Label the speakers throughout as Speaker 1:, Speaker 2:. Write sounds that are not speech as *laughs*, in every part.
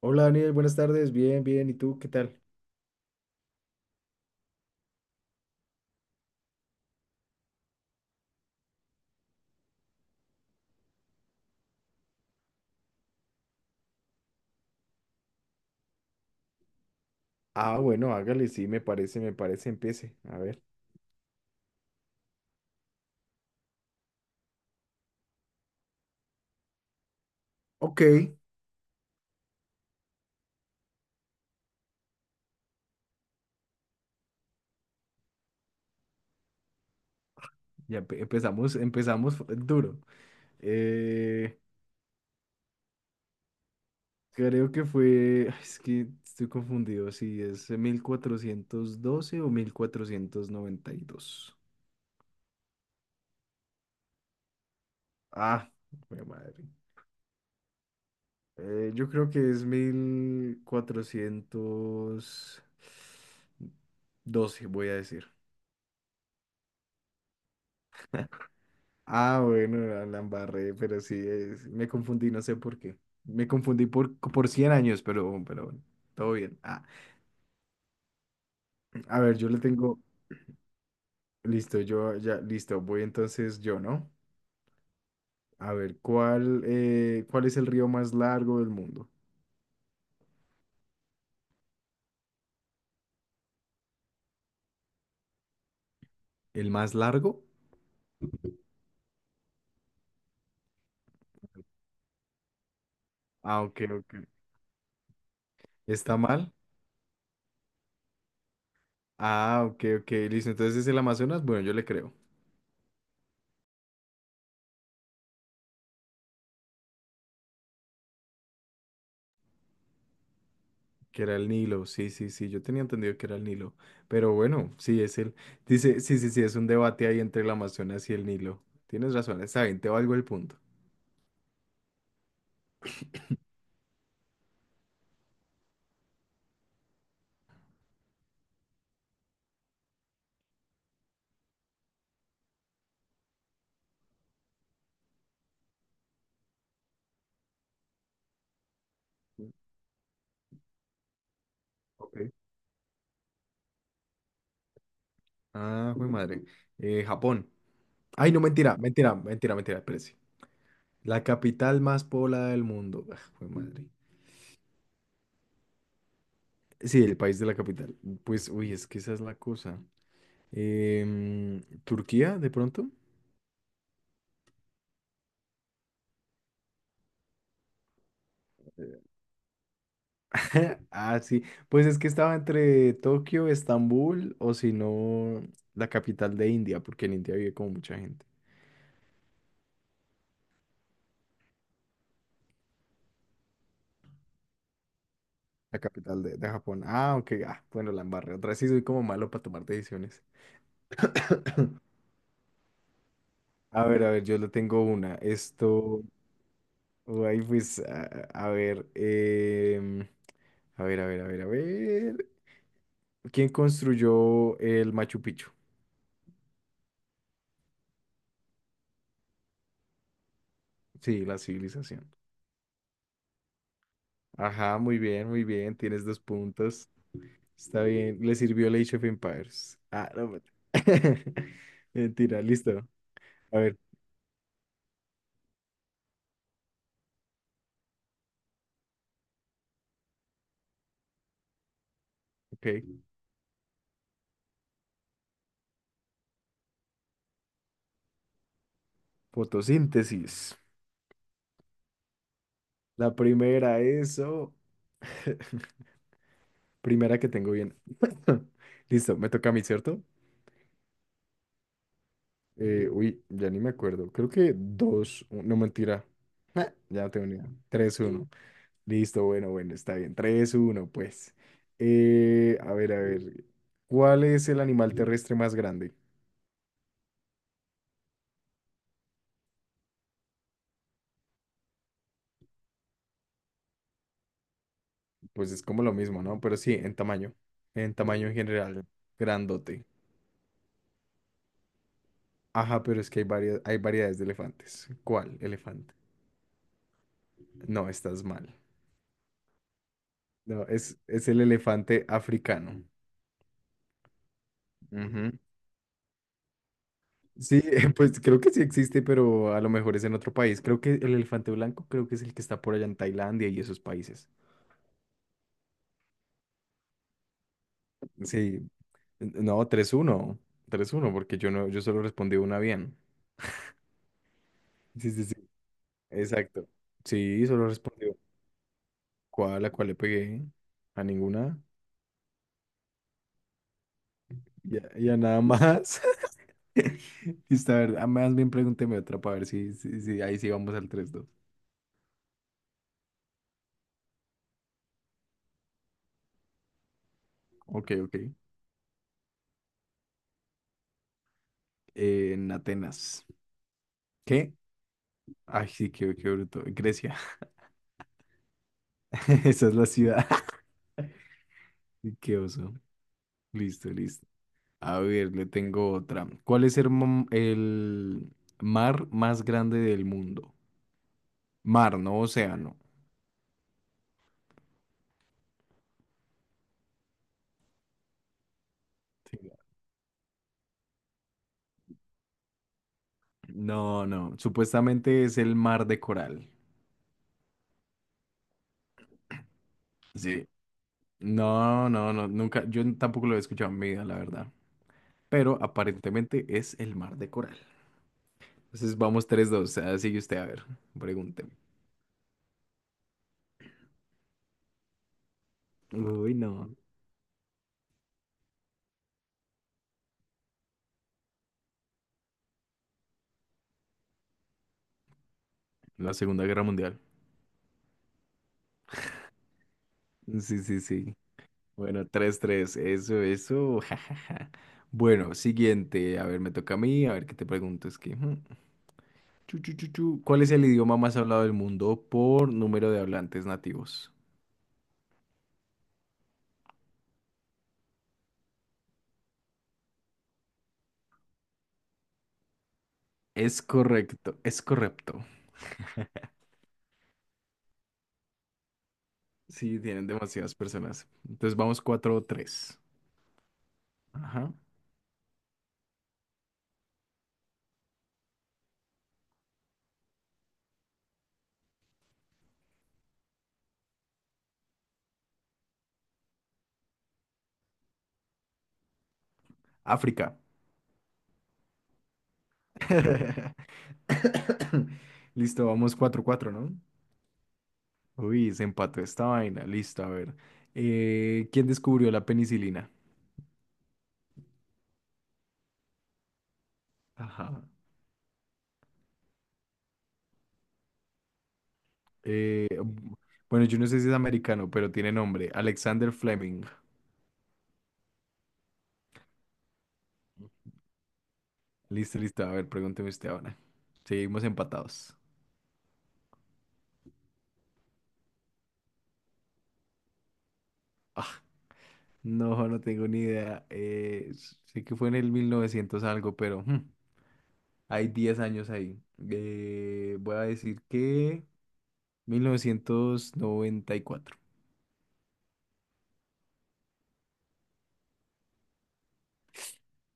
Speaker 1: Hola Daniel, buenas tardes. Bien, bien. ¿Y tú qué tal? Ah, bueno, hágale, sí, me parece, empiece. A ver. Ok, ya empezamos duro. Eh, creo que fue, *sighs* es que estoy confundido si es 1412 o 1492. Ah, jue madre. Yo creo que es 1412, voy a decir. Ah, bueno, la embarré, pero sí, me confundí, no sé por qué. Me confundí por 100 años, pero bueno, todo bien. Ah, a ver, yo le tengo, listo, yo ya, listo, voy entonces yo, ¿no? A ver, ¿cuál es el río más largo del mundo? ¿El más largo? Ah, ok, ok. ¿Está mal? Ah, ok, ok, listo, entonces es el Amazonas, bueno, yo le creo. Que era el Nilo, sí, sí, sí, yo tenía entendido que era el Nilo, pero bueno, sí, es el, dice, sí, sí, sí, es un debate ahí entre el Amazonas y el Nilo. Tienes razón, está bien, te valgo el punto. Ok. Ah, fue madre. Japón. Ay, no, mentira, mentira, mentira, mentira, espérese. La capital más poblada del mundo. Ah, fue madre. Sí, el país de la capital. Pues, uy, es que esa es la cosa. ¿Turquía, de pronto? *laughs* Ah, sí. Pues es que estaba entre Tokio, Estambul o si no, la capital de India, porque en India vive como mucha gente. La capital de Japón. Ah, ok. Ah, bueno, la embarré. Otra vez sí soy como malo para tomar decisiones. A ver, yo le tengo una. Esto, oh, ahí pues, a ver, a ver, a ver, a ver, a ver. ¿Quién construyó el Machu Picchu? Sí, la civilización. Ajá, muy bien, muy bien. Tienes 2 puntos. Está bien, le sirvió el Age of Empires. Ah, no. *laughs* Mentira, listo. A ver, ok. Fotosíntesis. La primera, eso. *laughs* Primera que tengo bien. *laughs* Listo, me toca a mí, ¿cierto? Uy, ya ni me acuerdo. Creo que dos, no mentira. Ah, ya no tengo ni idea. 3-1. Listo, bueno, bueno, está bien. 3-1 pues. A ver, a ver. ¿Cuál es el animal terrestre más grande? Pues es como lo mismo, ¿no? Pero sí, en tamaño. En tamaño en general, grandote. Ajá, pero es que hay variedades de elefantes. ¿Cuál elefante? No, estás mal. No, es el elefante africano. Ujú. Sí, *laughs* pues creo que sí existe, pero a lo mejor es en otro país. Creo que el elefante blanco creo que es el que está por allá en Tailandia y esos países. Sí, no, 3-1, 3-1, porque yo no, yo solo respondí una bien. Sí, sí, sí. Exacto. Sí, solo respondí ¿Cuál? ¿A cuál le pegué? ¿A ninguna? ¿Y a nada más? *laughs* Está verdad. Más bien pregúnteme otra para ver si ahí sí vamos al 3-2. Ok, ok. En Atenas. ¿Qué? Ay, sí, qué bruto. Grecia. *laughs* Esa es la ciudad. *laughs* Y qué oso. Listo, listo. A ver, le tengo otra. ¿Cuál es el mar más grande del mundo? Mar, no océano. Sí. No, no. Supuestamente es el mar de coral. Sí. No, no, no, nunca, yo tampoco lo he escuchado en mi vida, la verdad. Pero aparentemente es el mar de coral. Entonces vamos 3-2. Ah, sigue usted. A ver, pregúnteme. Uy, no. La Segunda Guerra Mundial. Sí, sí, sí. Bueno, 3-3. Eso, eso, *laughs* jajaja. Bueno, siguiente, a ver, me toca a mí, a ver qué te pregunto, es que... chu, chu, chu, chu. ¿Cuál es el idioma más hablado del mundo por número de hablantes nativos? Es correcto, es correcto. Sí, tienen demasiadas personas. Entonces vamos 4 tres. Ajá. África. *laughs* Listo, vamos 4-4, ¿no? Uy, se empató esta vaina. Listo, a ver. ¿Quién descubrió la penicilina? Ajá. Eh, bu- bueno, yo no sé si es americano, pero tiene nombre. Alexander Fleming. Listo, listo. A ver, pregúnteme usted ahora. Seguimos empatados. Ah, no, no tengo ni idea. Sé que fue en el 1900 algo, pero... hmm. Hay 10 años ahí. Voy a decir que 1994.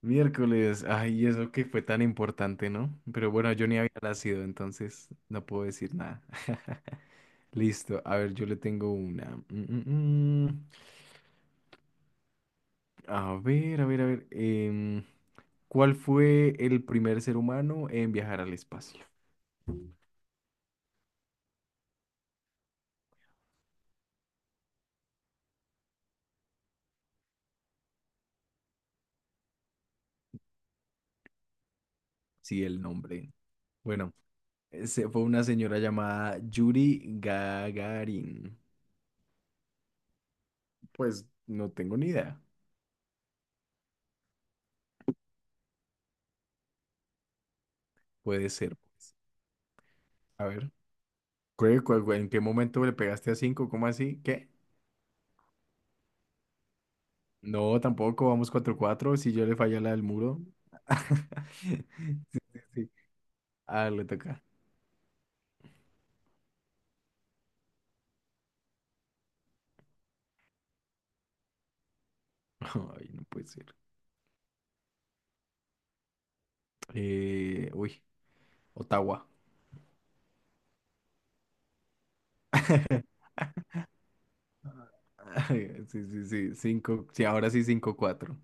Speaker 1: Miércoles. Ay, eso que fue tan importante, ¿no? Pero bueno, yo ni había nacido, entonces no puedo decir nada. *laughs* Listo. A ver, yo le tengo una. Mm, mm, mm. A ver, a ver, a ver. ¿Cuál fue el primer ser humano en viajar al espacio? Sí, el nombre. Bueno, se fue una señora llamada Yuri Gagarin. Pues no tengo ni idea. Puede ser, pues. A ver. ¿En qué momento le pegaste a cinco? ¿Cómo así? ¿Qué? No, tampoco. Vamos cuatro cuatro. Si yo le falla la del muro. *laughs* Sí, sí, sí. Ah, le toca. *laughs* Ay, no puede ser. Uy, Ottawa. *laughs* Ay, sí, sí, sí. Cinco. Sí, ahora sí 5-4.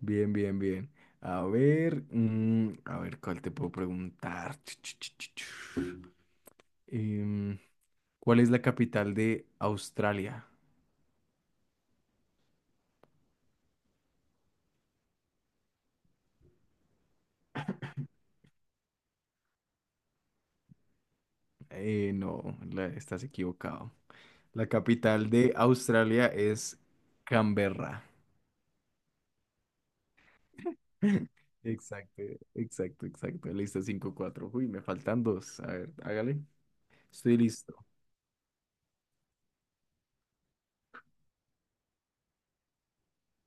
Speaker 1: Bien, bien, bien. A ver. A ver, ¿cuál te puedo preguntar? *tsk* ¿Cuál es la capital de Australia? No, estás equivocado. La capital de Australia es Canberra. *laughs* Exacto, exacto, exacto. Listo, 5-4. Uy, me faltan dos. A ver, hágale. Estoy listo.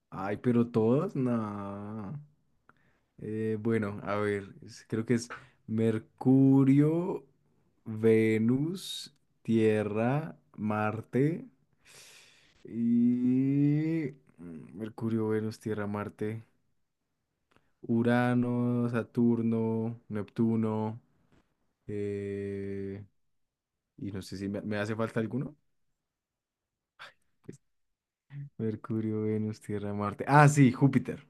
Speaker 1: Ay, pero todos, no. Bueno, a ver, creo que es Mercurio, Venus, Tierra, Marte y Mercurio, Venus, Tierra, Marte, Urano, Saturno, Neptuno eh, y no sé si me hace falta alguno. Mercurio, Venus, Tierra, Marte. Ah, sí, Júpiter.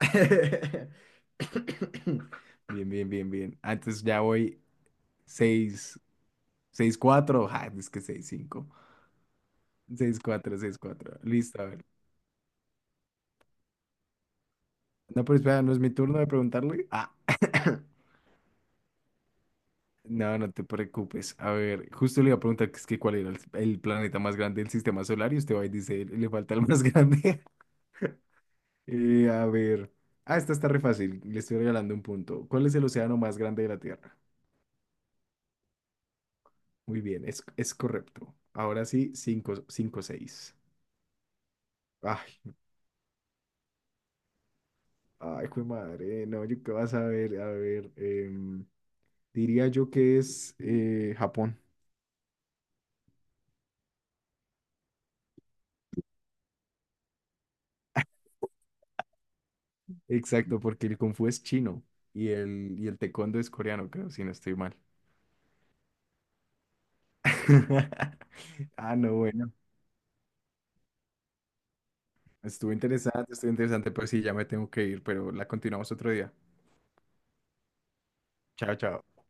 Speaker 1: *laughs* Bien, bien, bien, bien. Ah, entonces ya voy seis. 6-4. Ah, es que 6-5. 6-4. 6-4. Listo, a ver. No, pero espera, ¿no es mi turno de preguntarle? Ah. *coughs* No, no te preocupes. A ver, justo le iba a preguntar que es que cuál era el planeta más grande del sistema solar y usted va y dice, le falta el más *laughs* grande. A ver. Ah, esta está re fácil. Le estoy regalando un punto. ¿Cuál es el océano más grande de la Tierra? Muy bien, es correcto. Ahora sí, 5 5 seis. Ay, ay, jue madre. No, yo qué vas a ver. A ver. Diría yo que es Japón. Exacto, porque el Kung Fu es chino y el Taekwondo es coreano, creo, si no estoy mal. *laughs* Ah, no, bueno. Estuvo interesante, pero sí, ya me tengo que ir, pero la continuamos otro día. Chao, chao.